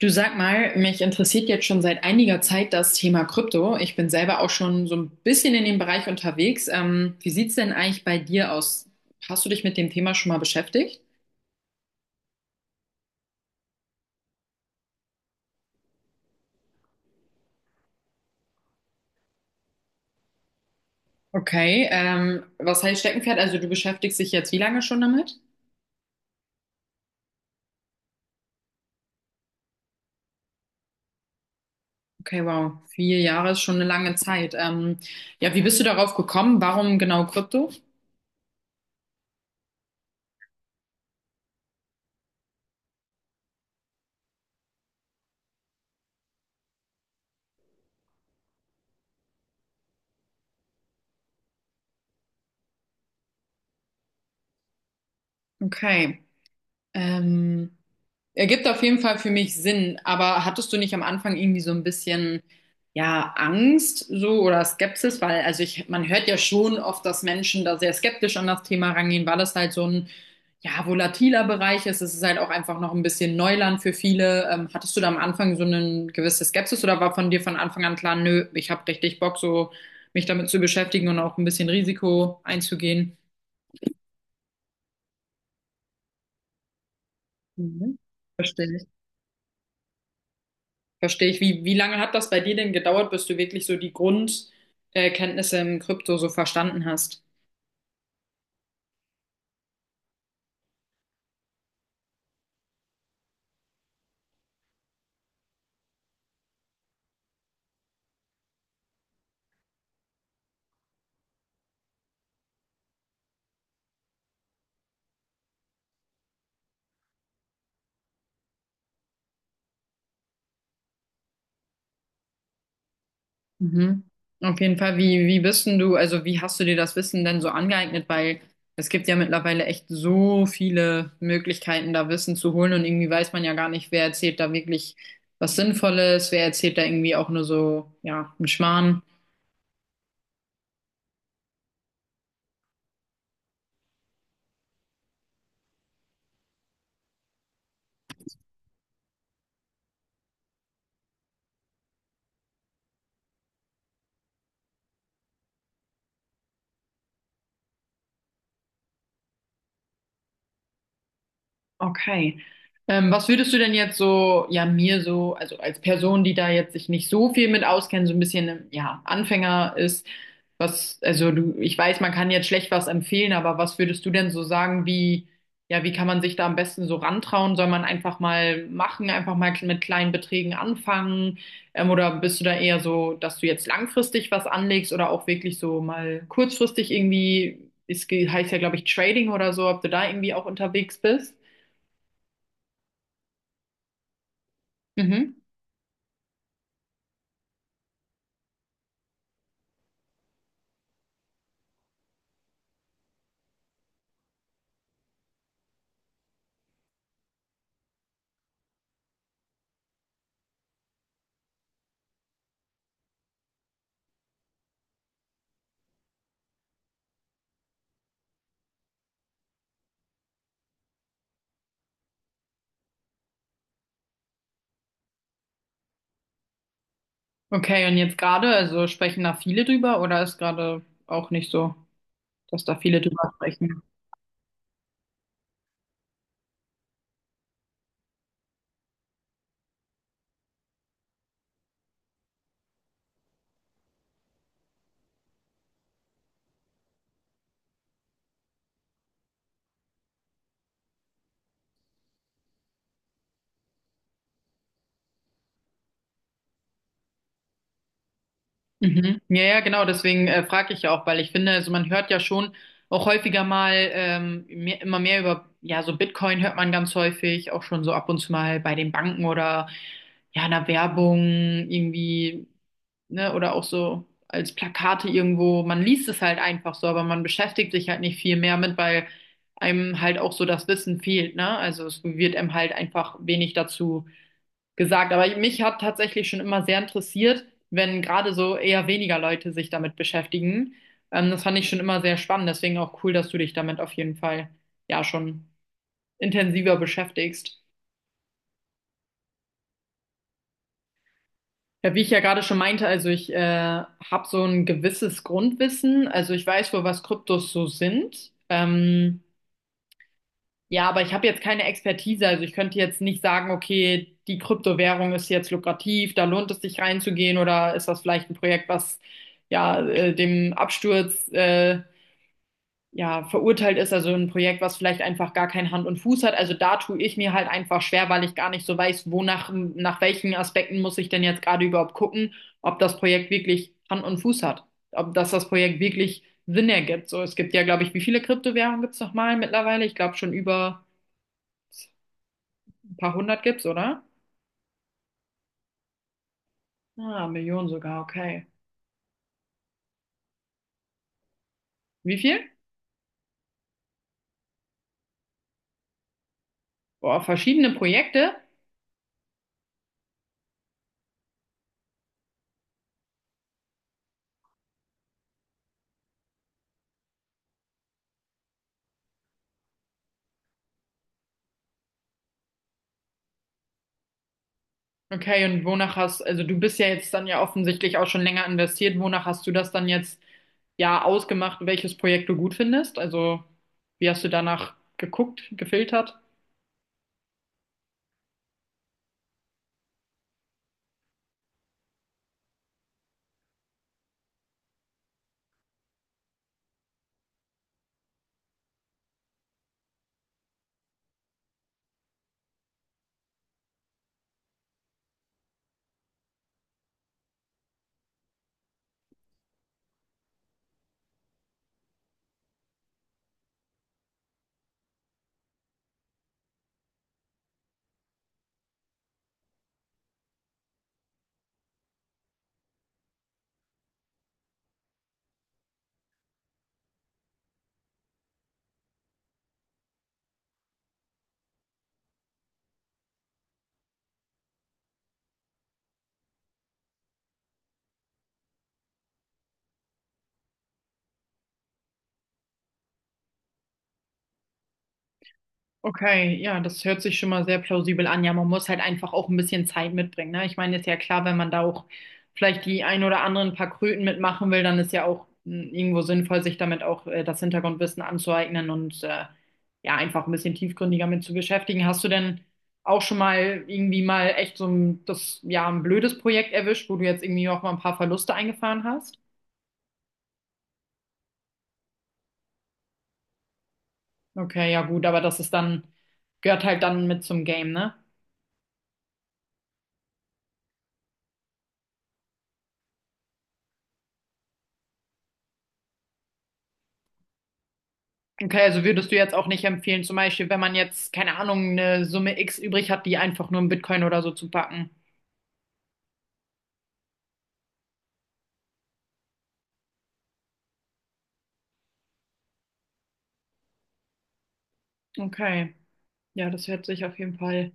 Du sag mal, mich interessiert jetzt schon seit einiger Zeit das Thema Krypto. Ich bin selber auch schon so ein bisschen in dem Bereich unterwegs. Wie sieht's denn eigentlich bei dir aus? Hast du dich mit dem Thema schon mal beschäftigt? Okay, was heißt Steckenpferd? Also du beschäftigst dich jetzt wie lange schon damit? Okay, wow, 4 Jahre ist schon eine lange Zeit. Ja, wie bist du darauf gekommen? Warum genau Krypto? Okay. Ähm, ergibt auf jeden Fall für mich Sinn, aber hattest du nicht am Anfang irgendwie so ein bisschen, ja, Angst so oder Skepsis? Weil, also man hört ja schon oft, dass Menschen da sehr skeptisch an das Thema rangehen, weil das halt so ein, ja, volatiler Bereich ist. Es ist halt auch einfach noch ein bisschen Neuland für viele. Hattest du da am Anfang so eine gewisse Skepsis oder war von dir von Anfang an klar, nö, ich habe richtig Bock, so mich damit zu beschäftigen und auch ein bisschen Risiko einzugehen? Mhm. Verstehe. Verstehe ich. Wie lange hat das bei dir denn gedauert, bis du wirklich so die Grundkenntnisse Kenntnisse im Krypto so verstanden hast? Mhm. Auf jeden Fall, wie bist denn du, also wie hast du dir das Wissen denn so angeeignet? Weil es gibt ja mittlerweile echt so viele Möglichkeiten, da Wissen zu holen und irgendwie weiß man ja gar nicht, wer erzählt da wirklich was Sinnvolles, wer erzählt da irgendwie auch nur so, ja, einen Schmarrn. Okay. Was würdest du denn jetzt so, ja, mir so, also als Person, die da jetzt sich nicht so viel mit auskennt, so ein bisschen, ja, Anfänger ist, also du, ich weiß, man kann jetzt schlecht was empfehlen, aber was würdest du denn so sagen, wie, ja, wie kann man sich da am besten so rantrauen? Soll man einfach mal machen, einfach mal mit kleinen Beträgen anfangen? Oder bist du da eher so, dass du jetzt langfristig was anlegst oder auch wirklich so mal kurzfristig irgendwie, heißt ja, glaube ich, Trading oder so, ob du da irgendwie auch unterwegs bist? Mhm. Okay, und jetzt gerade, also sprechen da viele drüber oder ist gerade auch nicht so, dass da viele drüber sprechen? Mhm. Ja, ja, genau, deswegen frage ich ja auch, weil ich finde, also man hört ja schon auch häufiger mal immer mehr über, ja, so Bitcoin hört man ganz häufig, auch schon so ab und zu mal bei den Banken oder ja, in der Werbung irgendwie ne, oder auch so als Plakate irgendwo, man liest es halt einfach so, aber man beschäftigt sich halt nicht viel mehr mit, weil einem halt auch so das Wissen fehlt, ne? Also es wird einem halt einfach wenig dazu gesagt. Aber mich hat tatsächlich schon immer sehr interessiert, wenn gerade so eher weniger Leute sich damit beschäftigen. Das fand ich schon immer sehr spannend, deswegen auch cool, dass du dich damit auf jeden Fall ja schon intensiver beschäftigst. Ja, wie ich ja gerade schon meinte, also ich habe so ein gewisses Grundwissen. Also ich weiß wohl, was Kryptos so sind. Ja, aber ich habe jetzt keine Expertise. Also ich könnte jetzt nicht sagen, okay, die Kryptowährung ist jetzt lukrativ, da lohnt es sich reinzugehen oder ist das vielleicht ein Projekt, was ja dem Absturz ja, verurteilt ist, also ein Projekt, was vielleicht einfach gar kein Hand und Fuß hat. Also da tue ich mir halt einfach schwer, weil ich gar nicht so weiß, nach welchen Aspekten muss ich denn jetzt gerade überhaupt gucken, ob das Projekt wirklich Hand und Fuß hat, ob das Projekt wirklich Sinn ergibt. So, es gibt ja, glaube ich, wie viele Kryptowährungen gibt's nochmal mittlerweile? Ich glaube schon über ein paar hundert gibt's, oder? Ah, Millionen sogar, okay. Wie viel? Boah, verschiedene Projekte. Okay, also du bist ja jetzt dann ja offensichtlich auch schon länger investiert. Wonach hast du das dann jetzt ja ausgemacht, welches Projekt du gut findest? Also, wie hast du danach geguckt, gefiltert? Okay, ja, das hört sich schon mal sehr plausibel an. Ja, man muss halt einfach auch ein bisschen Zeit mitbringen, ne? Ich meine, ist ja klar, wenn man da auch vielleicht die ein oder anderen paar Kröten mitmachen will, dann ist ja auch mh, irgendwo sinnvoll, sich damit auch das Hintergrundwissen anzueignen und ja, einfach ein bisschen tiefgründiger mit zu beschäftigen. Hast du denn auch schon mal irgendwie mal echt ja, ein blödes Projekt erwischt, wo du jetzt irgendwie auch mal ein paar Verluste eingefahren hast? Okay, ja gut, aber das ist dann, gehört halt dann mit zum Game, ne? Okay, also würdest du jetzt auch nicht empfehlen, zum Beispiel, wenn man jetzt, keine Ahnung, eine Summe X übrig hat, die einfach nur in Bitcoin oder so zu packen. Okay, ja, das hört sich auf jeden Fall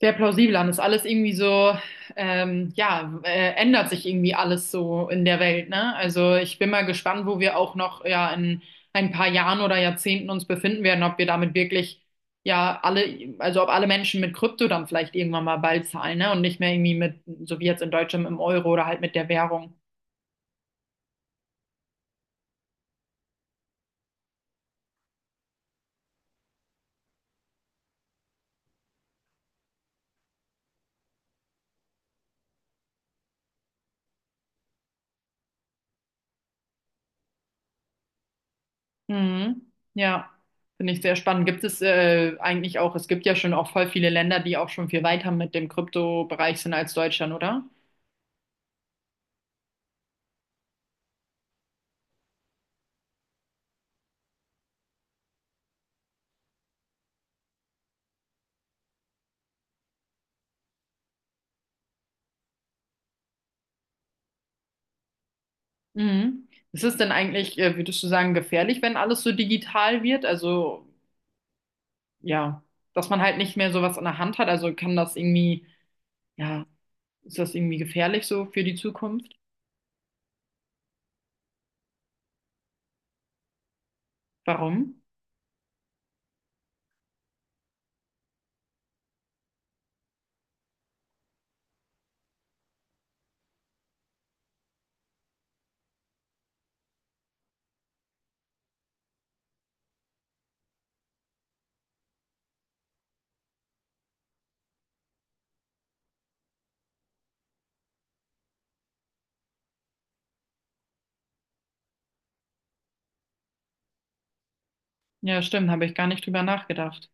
sehr plausibel an. Ist alles irgendwie so, ja, ändert sich irgendwie alles so in der Welt, ne? Also ich bin mal gespannt, wo wir auch noch, ja, in ein paar Jahren oder Jahrzehnten uns befinden werden, ob wir damit wirklich, ja, also ob alle Menschen mit Krypto dann vielleicht irgendwann mal bald zahlen, ne? Und nicht mehr irgendwie mit, so wie jetzt in Deutschland, im Euro oder halt mit der Währung. Mhm. Ja, finde ich sehr spannend. Gibt es eigentlich auch, es gibt ja schon auch voll viele Länder, die auch schon viel weiter mit dem Kryptobereich sind als Deutschland, oder? Mhm. Ist es denn eigentlich, würdest du sagen, gefährlich, wenn alles so digital wird? Also, ja, dass man halt nicht mehr sowas in der Hand hat. Also kann das irgendwie, ja, ist das irgendwie gefährlich so für die Zukunft? Warum? Ja, stimmt, habe ich gar nicht drüber nachgedacht.